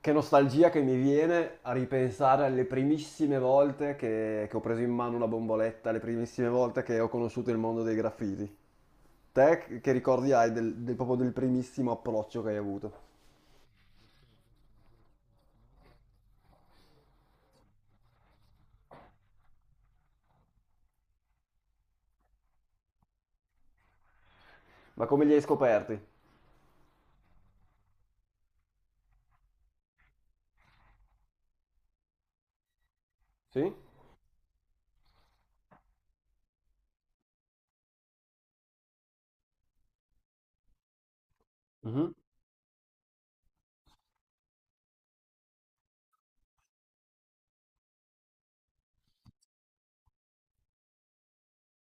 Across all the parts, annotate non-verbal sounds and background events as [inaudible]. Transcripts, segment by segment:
Che nostalgia che mi viene a ripensare alle primissime volte che ho preso in mano una bomboletta, le primissime volte che ho conosciuto il mondo dei graffiti. Te che ricordi hai del, del- proprio del primissimo approccio che hai avuto? Ma come li hai scoperti? Sì? Mhm.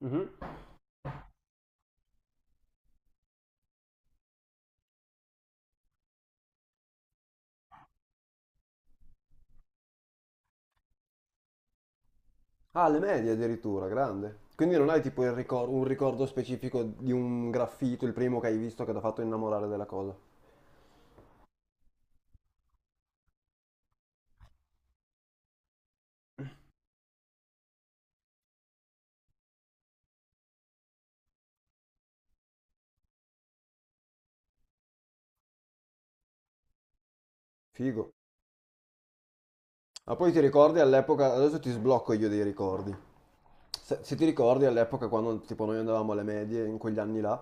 Mhm. Ah, alle medie addirittura, grande. Quindi non hai tipo un ricordo specifico di un graffito, il primo che hai visto che ti ha fatto innamorare della cosa. Figo. Ma poi ti ricordi all'epoca, adesso ti sblocco io dei ricordi. Se ti ricordi all'epoca quando tipo noi andavamo alle medie, in quegli anni là,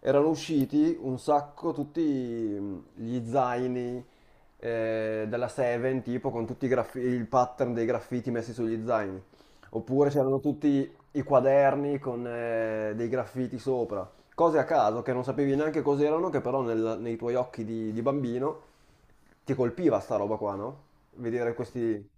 erano usciti un sacco tutti gli zaini della Seven, tipo con tutti il pattern dei graffiti messi sugli zaini. Oppure c'erano tutti i quaderni con dei graffiti sopra. Cose a caso che non sapevi neanche cos'erano, che però nei tuoi occhi di bambino ti colpiva sta roba qua, no? Vedere questi.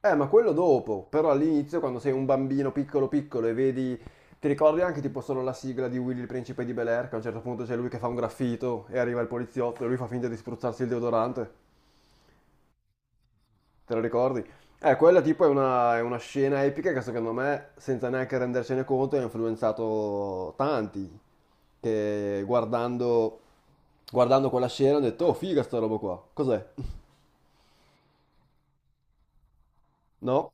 Ma quello dopo, però all'inizio quando sei un bambino piccolo piccolo e vedi, ti ricordi anche tipo solo la sigla di Willy il principe di Bel-Air, che a un certo punto c'è lui che fa un graffito e arriva il poliziotto e lui fa finta di spruzzarsi il deodorante, te lo ricordi? Quella tipo è una scena epica che secondo me, senza neanche rendercene conto, ha influenzato tanti, che guardando quella scena hanno detto, "Oh figa sta roba qua, cos'è?" [laughs] No?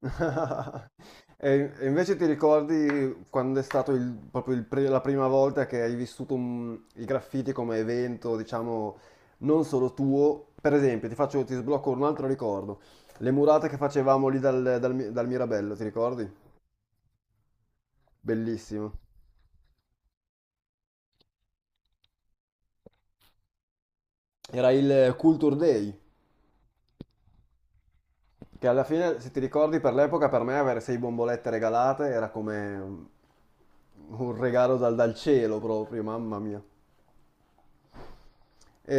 [laughs] E invece ti ricordi quando è stato la prima volta che hai vissuto i graffiti come evento, diciamo, non solo tuo? Per esempio, ti faccio, ti sblocco un altro ricordo. Le murate che facevamo lì dal Mirabello, ti ricordi? Bellissimo. Era il Culture Day, che alla fine, se ti ricordi, per l'epoca per me avere 6 bombolette regalate era come un regalo dal cielo proprio, mamma mia. E,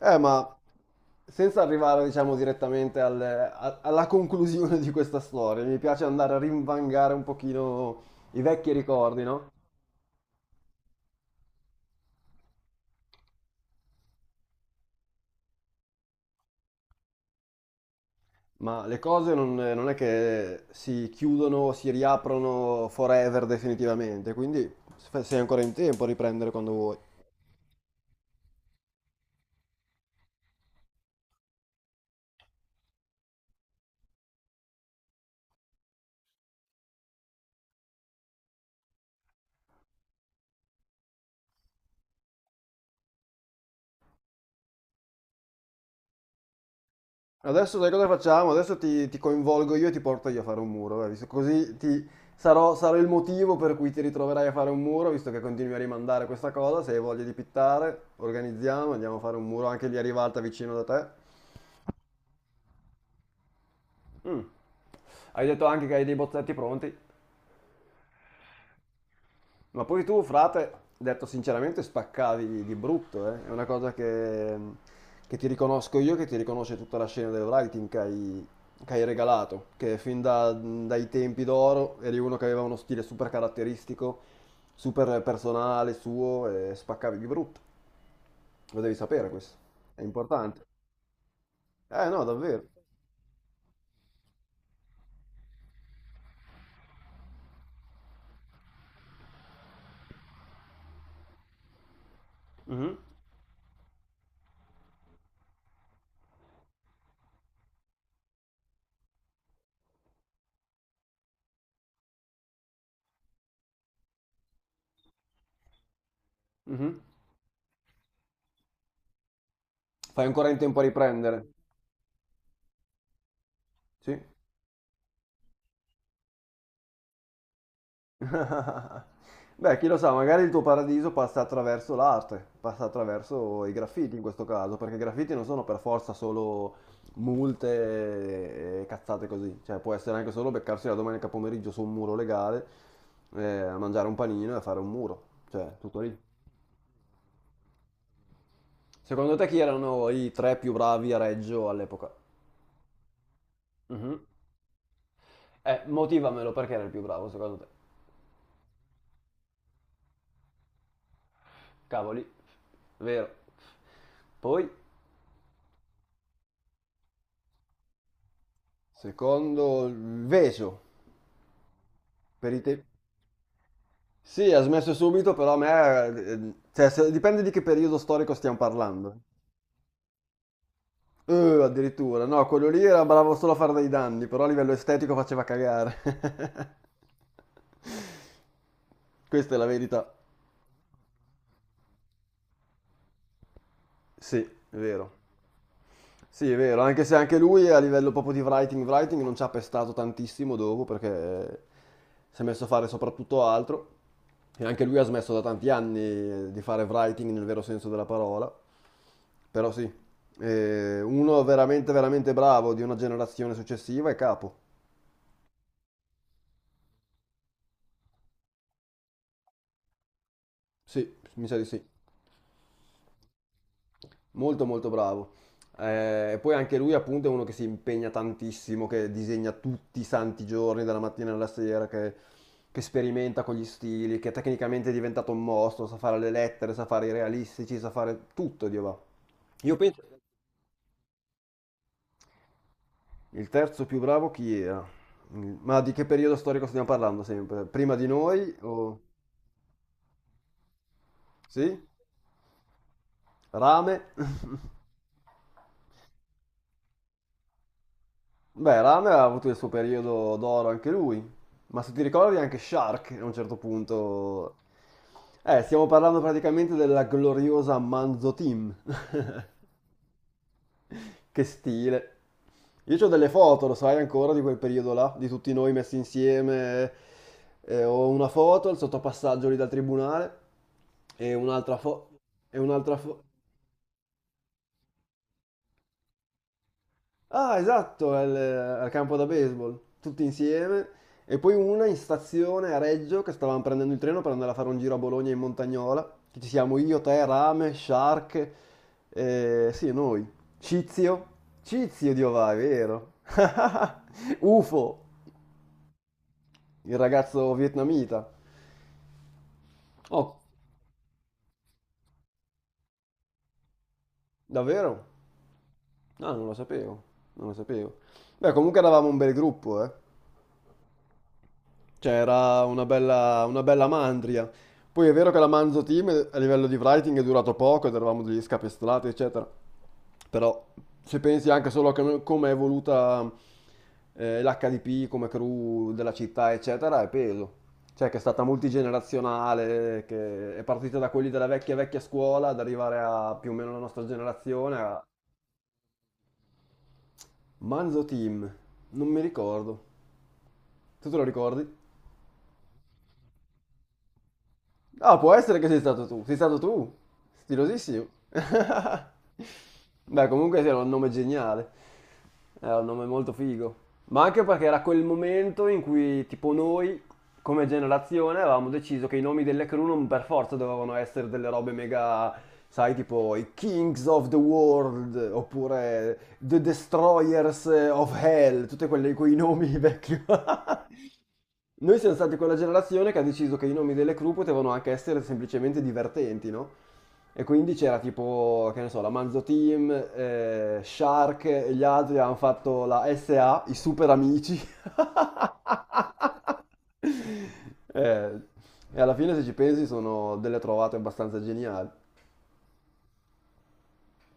Ma senza arrivare, diciamo, direttamente alla conclusione di questa storia, mi piace andare a rinvangare un pochino i vecchi ricordi, no? Ma le cose non è che si chiudono o si riaprono forever definitivamente, quindi sei ancora in tempo a riprendere quando vuoi. Adesso sai cosa facciamo? Adesso ti coinvolgo io e ti porto io a fare un muro, vai, sarò il motivo per cui ti ritroverai a fare un muro, visto che continui a rimandare questa cosa, se hai voglia di pittare, organizziamo, andiamo a fare un muro anche lì a Rivalta vicino da te. Mm. Hai detto anche che hai dei bozzetti pronti? Ma poi tu, frate, detto sinceramente, spaccavi di brutto, eh. È una cosa che ti riconosco io, che ti riconosce tutta la scena del writing che hai regalato, che dai tempi d'oro eri uno che aveva uno stile super caratteristico, super personale suo e spaccavi di brutto. Lo devi sapere questo, è importante. Eh no, davvero. Mhm. Mhm. Fai ancora in tempo a riprendere. Sì. [laughs] Beh, chi lo sa, magari il tuo paradiso passa attraverso l'arte, passa attraverso i graffiti in questo caso, perché i graffiti non sono per forza solo multe e cazzate così, cioè può essere anche solo beccarsi la domenica pomeriggio su un muro legale, a mangiare un panino e a fare un muro, cioè tutto lì. Secondo te chi erano i tre più bravi a Reggio all'epoca? Mhm. Motivamelo perché era il più bravo secondo te. Cavoli, vero. Poi? Secondo il Veso. Per i te- Sì, ha smesso subito, però a me... cioè, dipende di che periodo storico stiamo parlando. Eh, Addirittura. No, quello lì era bravo solo a fare dei danni, però a livello estetico faceva cagare. [laughs] Questa è la verità. Sì, è vero. Sì, è vero, anche se anche lui a livello proprio di writing non ci ha pestato tantissimo dopo perché si è messo a fare soprattutto altro e anche lui ha smesso da tanti anni di fare writing nel vero senso della parola, però sì, uno veramente veramente bravo di una generazione successiva è Capo, sì, mi sa di sì. Molto molto bravo. Poi anche lui appunto è uno che si impegna tantissimo, che disegna tutti i santi giorni, dalla mattina alla sera, che sperimenta con gli stili, che tecnicamente è diventato un mostro, sa fare le lettere, sa fare i realistici, sa fare tutto, Dio va. Io penso... Il terzo più bravo chi era? Ma di che periodo storico stiamo parlando sempre? Prima di noi o... Sì? Rame? [laughs] Beh, Rame ha avuto il suo periodo d'oro anche lui, ma se ti ricordi anche Shark a un certo punto... Stiamo parlando praticamente della gloriosa Manzo Team. [laughs] Che stile. Io ho delle foto, lo sai ancora, di quel periodo là, di tutti noi messi insieme. Ho una foto, il sottopassaggio lì dal tribunale, e un'altra foto, e un'altra foto... Ah, esatto, al campo da baseball, tutti insieme. E poi una in stazione a Reggio che stavamo prendendo il treno per andare a fare un giro a Bologna in Montagnola. Che ci siamo io, te, Rame, Shark, sì, noi. Cizio. Cizio di Ovà, è vero. [laughs] UFO, il ragazzo vietnamita. Oh, davvero? No, non lo sapevo, non lo sapevo. Beh, comunque eravamo un bel gruppo, eh. Cioè, era una bella mandria. Poi è vero che la Manzo Team a livello di writing è durato poco ed eravamo degli scapestrati, eccetera. Però se pensi anche solo a come è evoluta l'HDP come crew della città, eccetera, è peso. Cioè che è stata multigenerazionale, che è partita da quelli della vecchia vecchia scuola ad arrivare a più o meno la nostra generazione. Manzo Team, non mi ricordo. Tu te lo ricordi? Ah, può essere che sei stato tu. Sei stato tu. Stilosissimo. [laughs] Beh, comunque sì, era un nome geniale. Era un nome molto figo. Ma anche perché era quel momento in cui, tipo, noi, come generazione, avevamo deciso che i nomi delle crew non per forza dovevano essere delle robe mega, sai, tipo i Kings of the World, oppure The Destroyers of Hell, tutti quelli, quei nomi vecchi. [laughs] Noi siamo stati quella generazione che ha deciso che i nomi delle crew potevano anche essere semplicemente divertenti, no? E quindi c'era tipo, che ne so, la Manzo Team, Shark e gli altri hanno fatto la SA, i super amici. [laughs] Eh, e alla fine, se ci pensi, sono delle trovate abbastanza geniali.